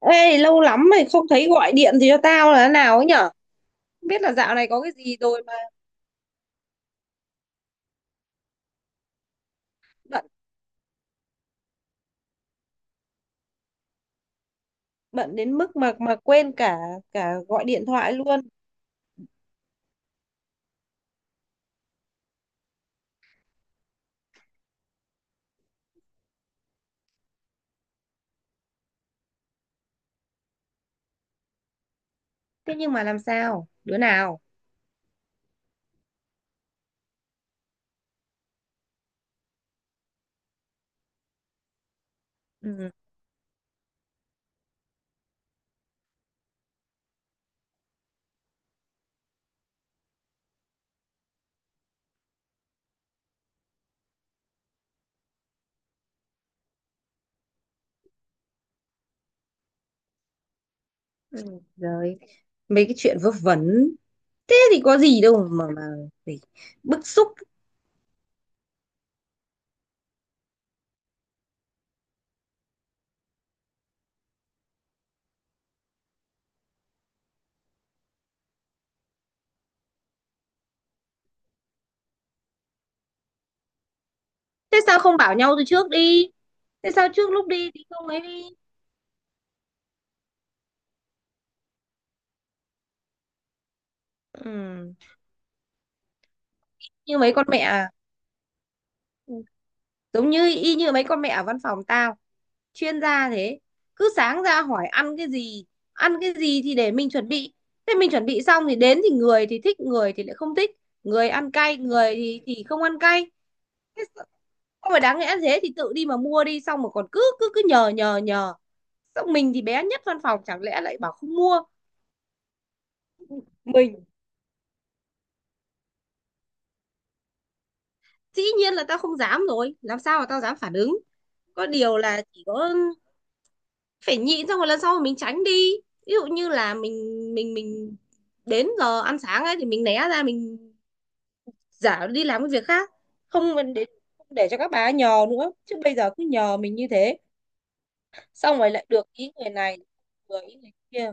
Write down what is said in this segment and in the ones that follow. Ê, lâu lắm mày không thấy gọi điện thì cho tao là thế nào ấy nhở? Không biết là dạo này có cái gì rồi mà bận bận đến mức mà quên cả cả gọi điện thoại luôn. Thế nhưng mà làm sao? Đứa nào? Ừ, rồi mấy cái chuyện vớ vẩn thế thì có gì đâu mà phải bức xúc. Thế sao không bảo nhau từ trước đi? Thế sao trước lúc đi thì không ấy đi? Ừ, như mấy con mẹ à? Ừ, giống như y như mấy con mẹ ở văn phòng tao, chuyên gia thế, cứ sáng ra hỏi ăn cái gì, ăn cái gì thì để mình chuẩn bị. Thế mình chuẩn bị xong thì đến thì người thì thích, người thì lại không thích, người ăn cay, người thì không ăn cay. Thế sao- không phải đáng lẽ thế thì tự đi mà mua đi, xong mà còn cứ cứ cứ nhờ nhờ nhờ xong mình thì bé nhất văn phòng, chẳng lẽ lại bảo không mua. mình Dĩ nhiên là tao không dám rồi, làm sao mà tao dám phản ứng, có điều là chỉ có phải nhịn, xong rồi lần sau mình tránh đi. Ví dụ như là mình mình mình đến giờ ăn sáng ấy thì mình né ra, mình giả đi làm cái việc khác. không mình để Không để cho các bà ấy nhờ nữa, chứ bây giờ cứ nhờ mình như thế, xong rồi lại được ý người này, vừa ý người kia.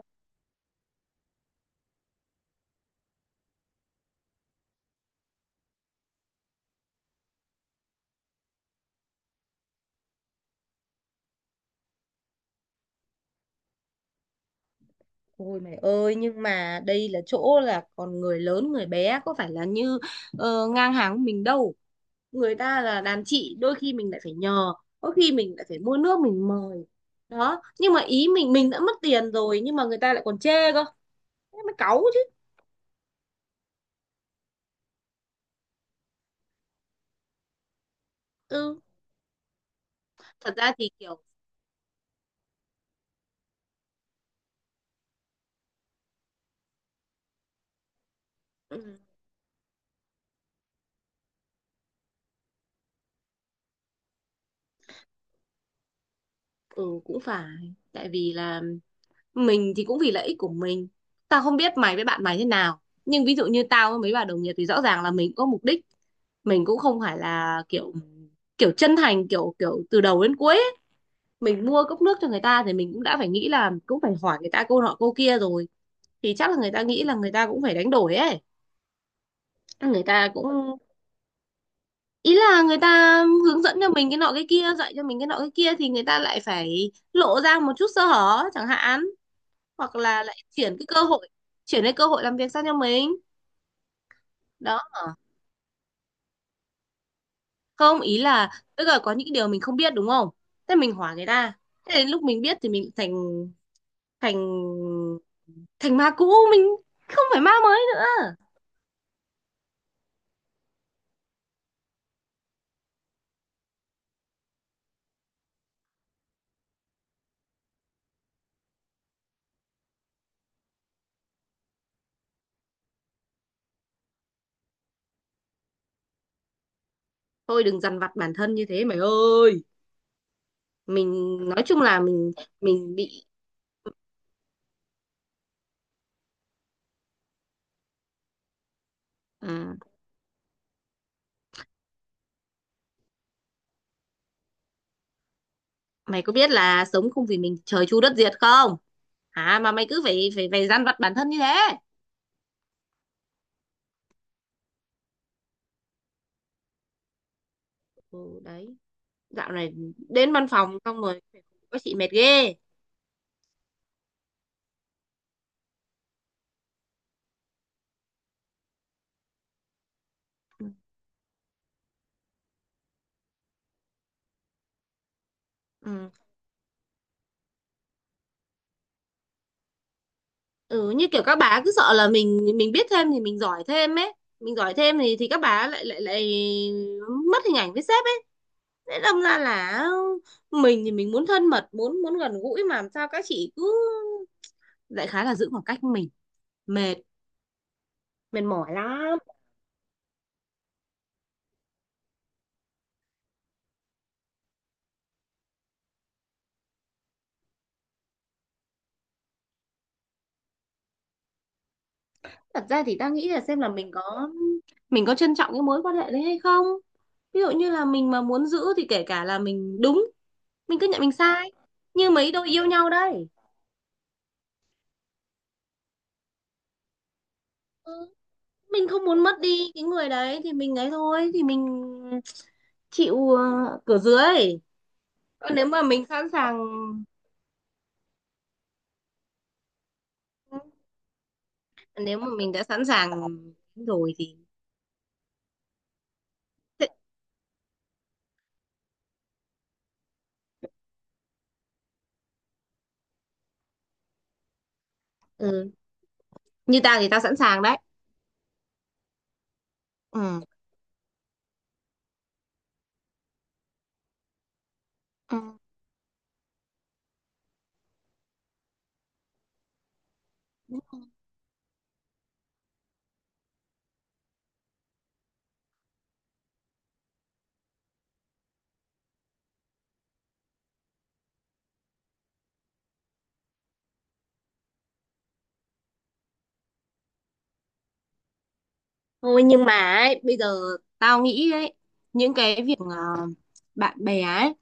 Ôi mày ơi, nhưng mà đây là chỗ là còn người lớn người bé, có phải là như ngang hàng của mình đâu. Người ta là đàn chị, đôi khi mình lại phải nhờ, có khi mình lại phải mua nước mình mời. Đó, nhưng mà ý mình đã mất tiền rồi nhưng mà người ta lại còn chê cơ, thế mới cáu chứ. Ừ, thật ra thì kiểu, ừ, ừ cũng phải, tại vì là mình thì cũng vì lợi ích của mình. Tao không biết mày với bạn mày thế nào, nhưng ví dụ như tao với mấy bà đồng nghiệp thì rõ ràng là mình cũng có mục đích, mình cũng không phải là kiểu kiểu chân thành kiểu kiểu từ đầu đến cuối ấy. Mình mua cốc nước cho người ta thì mình cũng đã phải nghĩ là cũng phải hỏi người ta câu nọ câu kia rồi, thì chắc là người ta nghĩ là người ta cũng phải đánh đổi ấy. Người ta cũng, ý là người ta hướng dẫn cho mình cái nọ cái kia, dạy cho mình cái nọ cái kia thì người ta lại phải lộ ra một chút sơ hở chẳng hạn, hoặc là lại chuyển cái cơ hội, chuyển cái cơ hội làm việc sang cho mình. Đó, không ý là tức là có những điều mình không biết, đúng không? Thế mình hỏi người ta, thế đến lúc mình biết thì mình thành thành thành ma cũ, mình không phải ma mới nữa. Thôi đừng dằn vặt bản thân như thế mày ơi, mình nói chung là mình bị. À, mày có biết là sống không vì mình trời chu đất diệt không hả, mà mày cứ phải phải phải dằn vặt bản thân như thế. Ừ, đấy, dạo này đến văn phòng xong rồi có chị mệt ghê. Ừ. Ừ, như kiểu các bà cứ sợ là mình biết thêm thì mình giỏi thêm ấy, mình giỏi thêm thì các bà lại lại lại mất hình ảnh với sếp ấy. Thế đâm ra là mình thì mình muốn thân mật, muốn muốn gần gũi, mà làm sao các chị cứ đại khái là giữ khoảng cách với mình, mệt, mệt mỏi lắm. Thật ra thì ta nghĩ là xem là mình có trân trọng cái mối quan hệ đấy hay không. Ví dụ như là mình mà muốn giữ thì kể cả là mình đúng, mình cứ nhận mình sai. Như mấy đôi yêu nhau đây. Mình không muốn mất đi cái người đấy thì mình ấy, thôi thì mình chịu, cửa dưới. Còn nếu mà mình sẵn sàng, nếu mà mình đã sẵn sàng rồi thì, ừ. Như tao thì tao sẵn sàng đấy. Ừ. Ừ. Thôi nhưng mà ấy, bây giờ tao nghĩ ấy, những cái việc bạn bè ấy,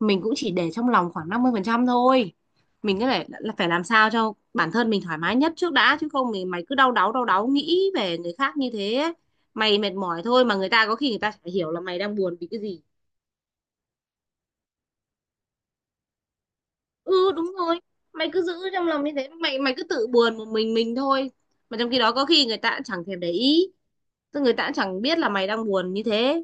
mình cũng chỉ để trong lòng khoảng 50% thôi, mình cứ phải là phải làm sao cho bản thân mình thoải mái nhất trước đã, chứ không thì mày cứ đau đáu nghĩ về người khác như thế ấy. Mày mệt mỏi thôi, mà người ta có khi người ta chả hiểu là mày đang buồn vì cái gì. Ừ, đúng rồi. Mày cứ giữ trong lòng như thế, mày mày cứ tự buồn một mình thôi, mà trong khi đó có khi người ta cũng chẳng thèm để ý, tức người ta cũng chẳng biết là mày đang buồn như thế.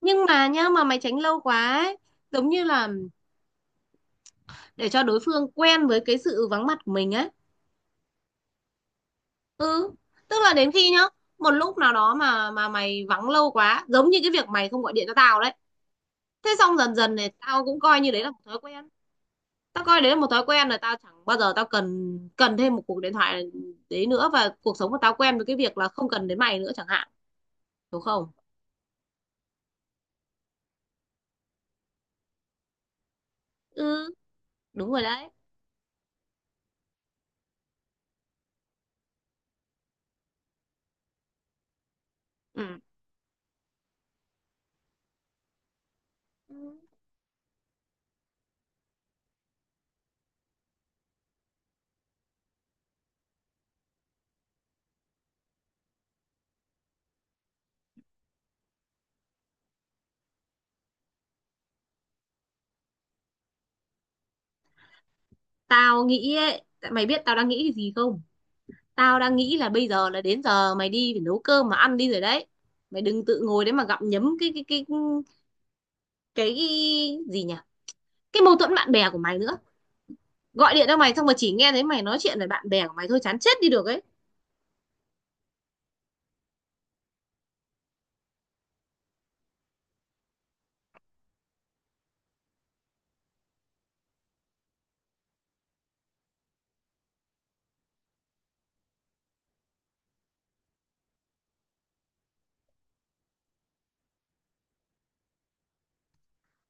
Nhưng mà nhá, mà mày tránh lâu quá ấy, giống như là để cho đối phương quen với cái sự vắng mặt của mình ấy. Ừ, tức là đến khi nhá, một lúc nào đó mà mày vắng lâu quá, giống như cái việc mày không gọi điện cho tao đấy. Thế xong dần dần này tao cũng coi như đấy là một thói quen, tao coi đấy là một thói quen rồi, tao chẳng bao giờ tao cần cần thêm một cuộc điện thoại đấy nữa, và cuộc sống của tao quen với cái việc là không cần đến mày nữa chẳng hạn, đúng không? Ừ, đúng rồi đấy. Ừ. Ừ. Tao nghĩ ấy, tại mày biết tao đang nghĩ cái gì không? Tao đang nghĩ là bây giờ là đến giờ mày đi phải nấu cơm mà ăn đi rồi đấy. Mày đừng tự ngồi đấy mà gặm nhấm cái cái gì nhỉ, cái mâu thuẫn bạn bè của mày nữa. Gọi điện cho mày xong mà chỉ nghe thấy mày nói chuyện về bạn bè của mày thôi, chán chết đi được ấy.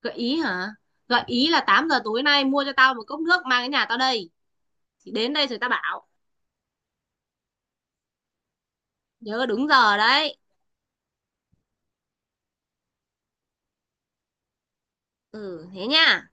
Gợi ý hả? Gợi ý là 8 giờ tối nay mua cho tao một cốc nước mang đến nhà tao đây, thì đến đây rồi tao bảo. Nhớ đúng giờ đấy. Ừ, thế nha.